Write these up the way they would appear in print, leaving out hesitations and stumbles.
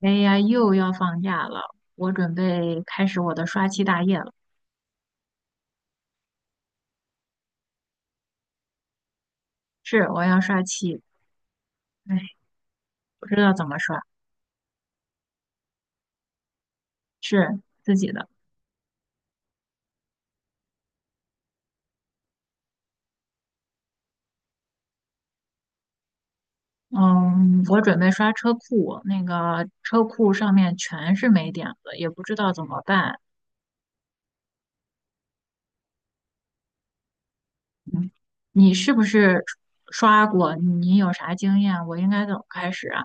哎呀，又要放假了，我准备开始我的刷漆大业了。是，我要刷漆，哎，不知道怎么刷，是自己的。嗯，我准备刷车库，那个车库上面全是霉点子，也不知道怎么办。你是不是刷过？你有啥经验？我应该怎么开始啊？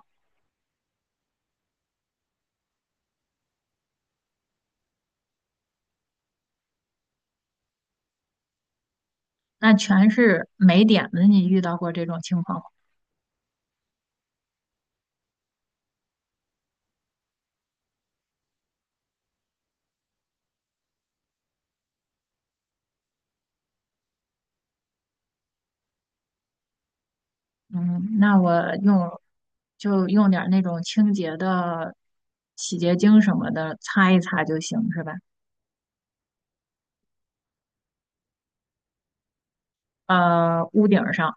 那全是霉点子，你遇到过这种情况吗？嗯，那我用用点儿那种清洁的洗洁精什么的擦一擦就行，是吧？屋顶儿上，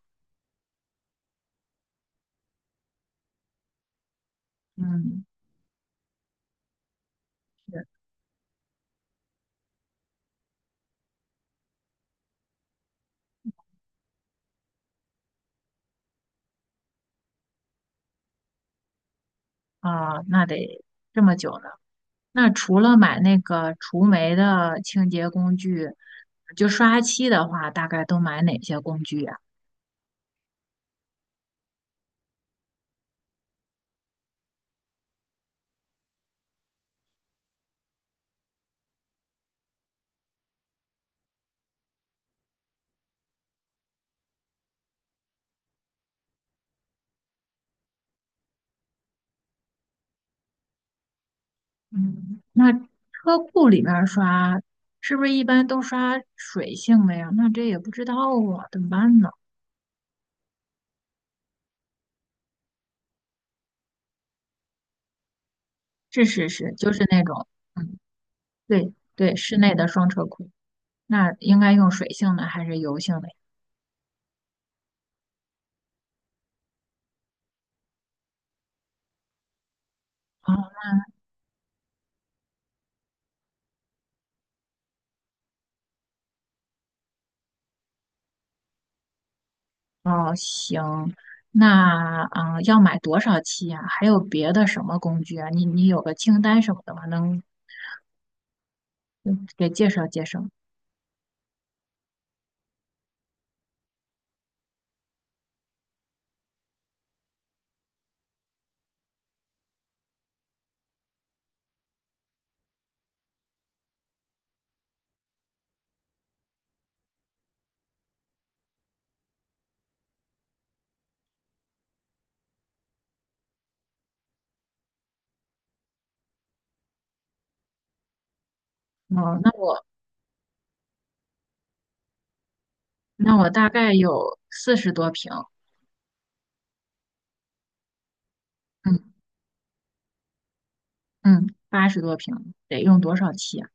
嗯，是啊，那得这么久呢。那除了买那个除霉的清洁工具，就刷漆的话，大概都买哪些工具呀？嗯，那车库里面儿刷是不是一般都刷水性的呀？那这也不知道啊，怎么办呢？是是是，就是那种。嗯。对对，室内的双车库，那应该用水性的还是油性的呀？哦，哦，行，那要买多少期呀、还有别的什么工具啊？你你有个清单什么的吗？能嗯给介绍介绍？哦，那我那我大概有四十多平，嗯嗯，八十多平，得用多少期啊？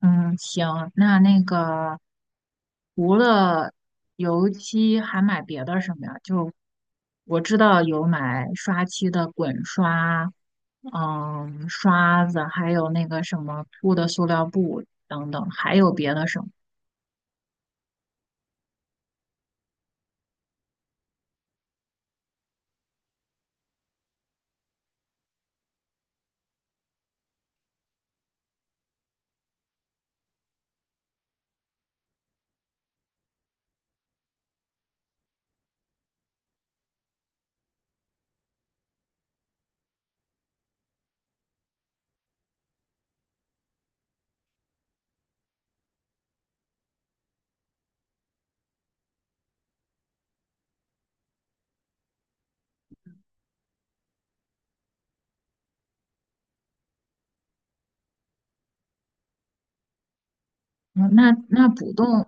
嗯，行，那那个除了油漆，还买别的什么呀？就我知道有买刷漆的滚刷，嗯，刷子，还有那个什么铺的塑料布等等，还有别的什么？嗯那那补洞，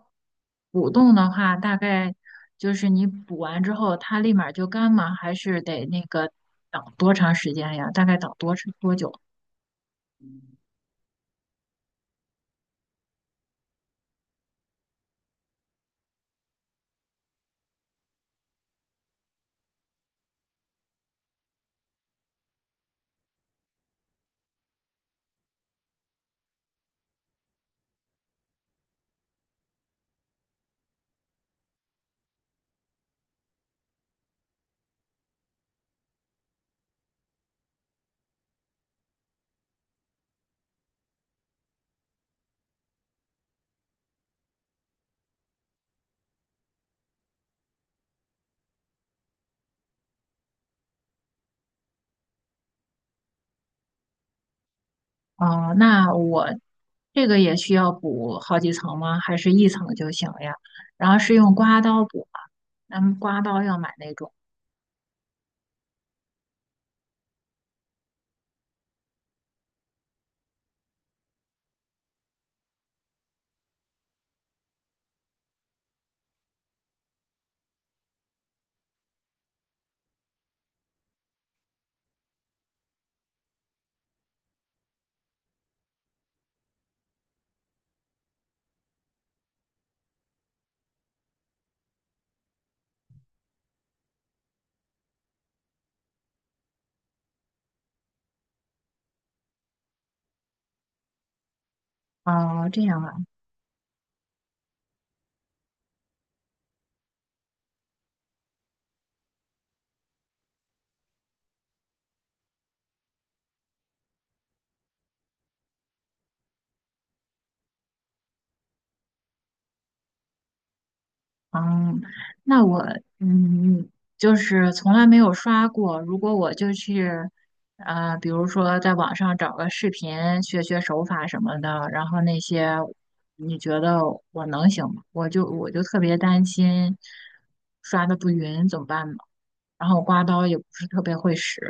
补洞的话，大概就是你补完之后，它立马就干吗？还是得那个等多长时间呀？大概等多长多久？哦，那我这个也需要补好几层吗？还是一层就行呀？然后是用刮刀补吗，咱们刮刀要买那种。哦，这样啊，嗯，那我嗯，就是从来没有刷过。如果我就去，呃，比如说在网上找个视频学学手法什么的，然后那些，你觉得我能行吗？我就特别担心刷的不匀，怎么办呢？然后刮刀也不是特别会使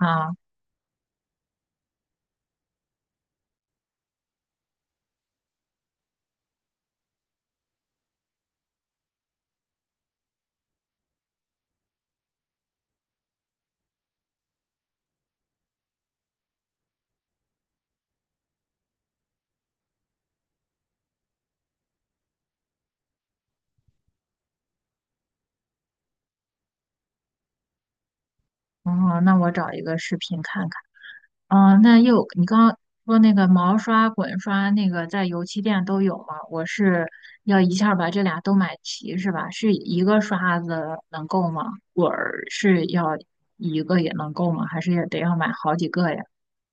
啊。嗯，那我找一个视频看看。哦，那又你刚刚说那个毛刷、滚刷，那个在油漆店都有吗？我是要一下儿把这俩都买齐是吧？是一个刷子能够吗？滚儿是要一个也能够吗？还是也得要买好几个呀？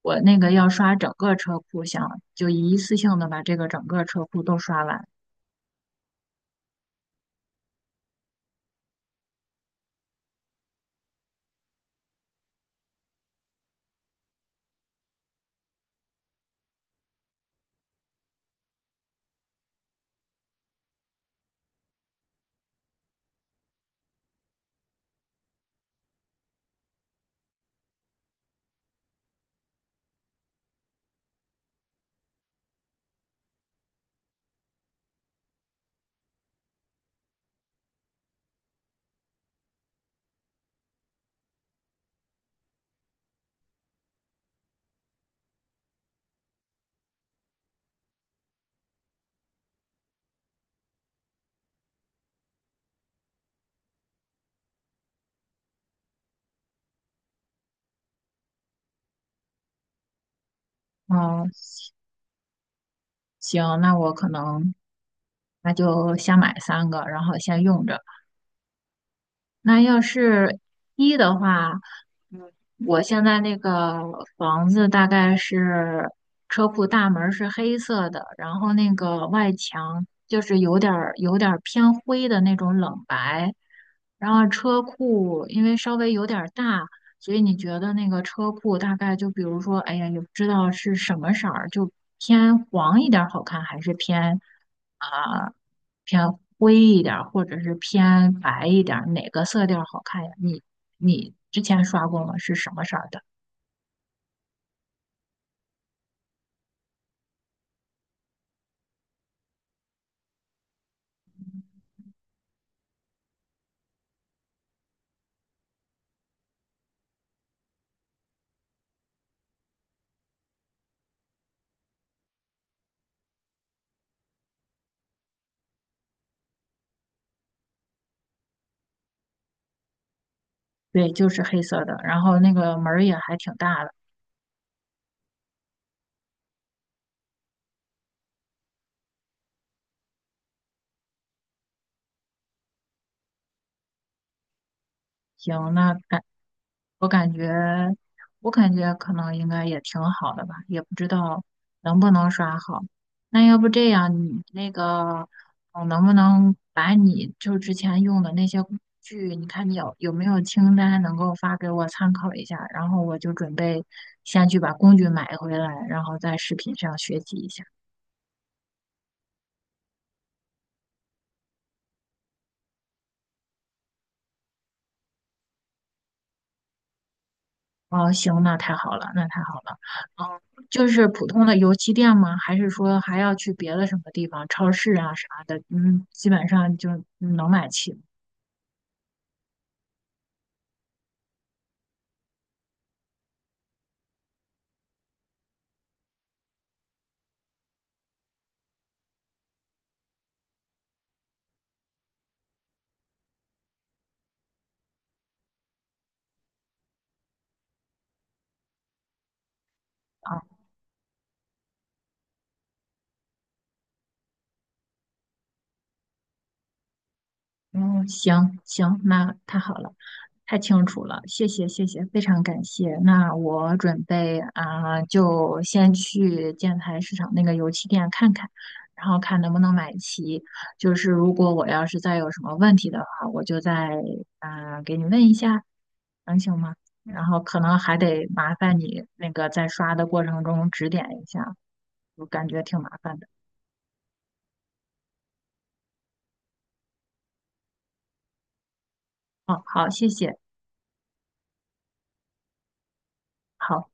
我那个要刷整个车库，想就一次性的把这个整个车库都刷完。嗯。行，那我可能那就先买三个，然后先用着。那要是一的话，嗯，我现在那个房子大概是车库大门是黑色的，然后那个外墙就是有点儿偏灰的那种冷白，然后车库因为稍微有点儿大，所以你觉得那个车库大概就比如说，哎呀，也不知道是什么色儿，就偏黄一点儿好看，还是啊、偏灰一点儿，或者是偏白一点儿，哪个色调好看呀？你你之前刷过吗？是什么色儿的？对，就是黑色的，然后那个门儿也还挺大的。行，那感我感觉，我感觉可能应该也挺好的吧，也不知道能不能刷好。那要不这样，你那个，呃能不能把你就之前用的那些工具，你看你有有没有清单能够发给我参考一下，然后我就准备先去把工具买回来，然后在视频上学习一下。哦，行，那太好了，那太好了。嗯，就是普通的油漆店吗？还是说还要去别的什么地方，超市啊啥的？嗯，基本上就能买齐。啊嗯，行行，那太好了，太清楚了，谢谢谢谢，非常感谢。那我准备就先去建材市场那个油漆店看看，然后看能不能买齐。就是如果我要是再有什么问题的话，我就再给你问一下，能行吗？然后可能还得麻烦你那个在刷的过程中指点一下，我感觉挺麻烦的。哦，好，谢谢，好。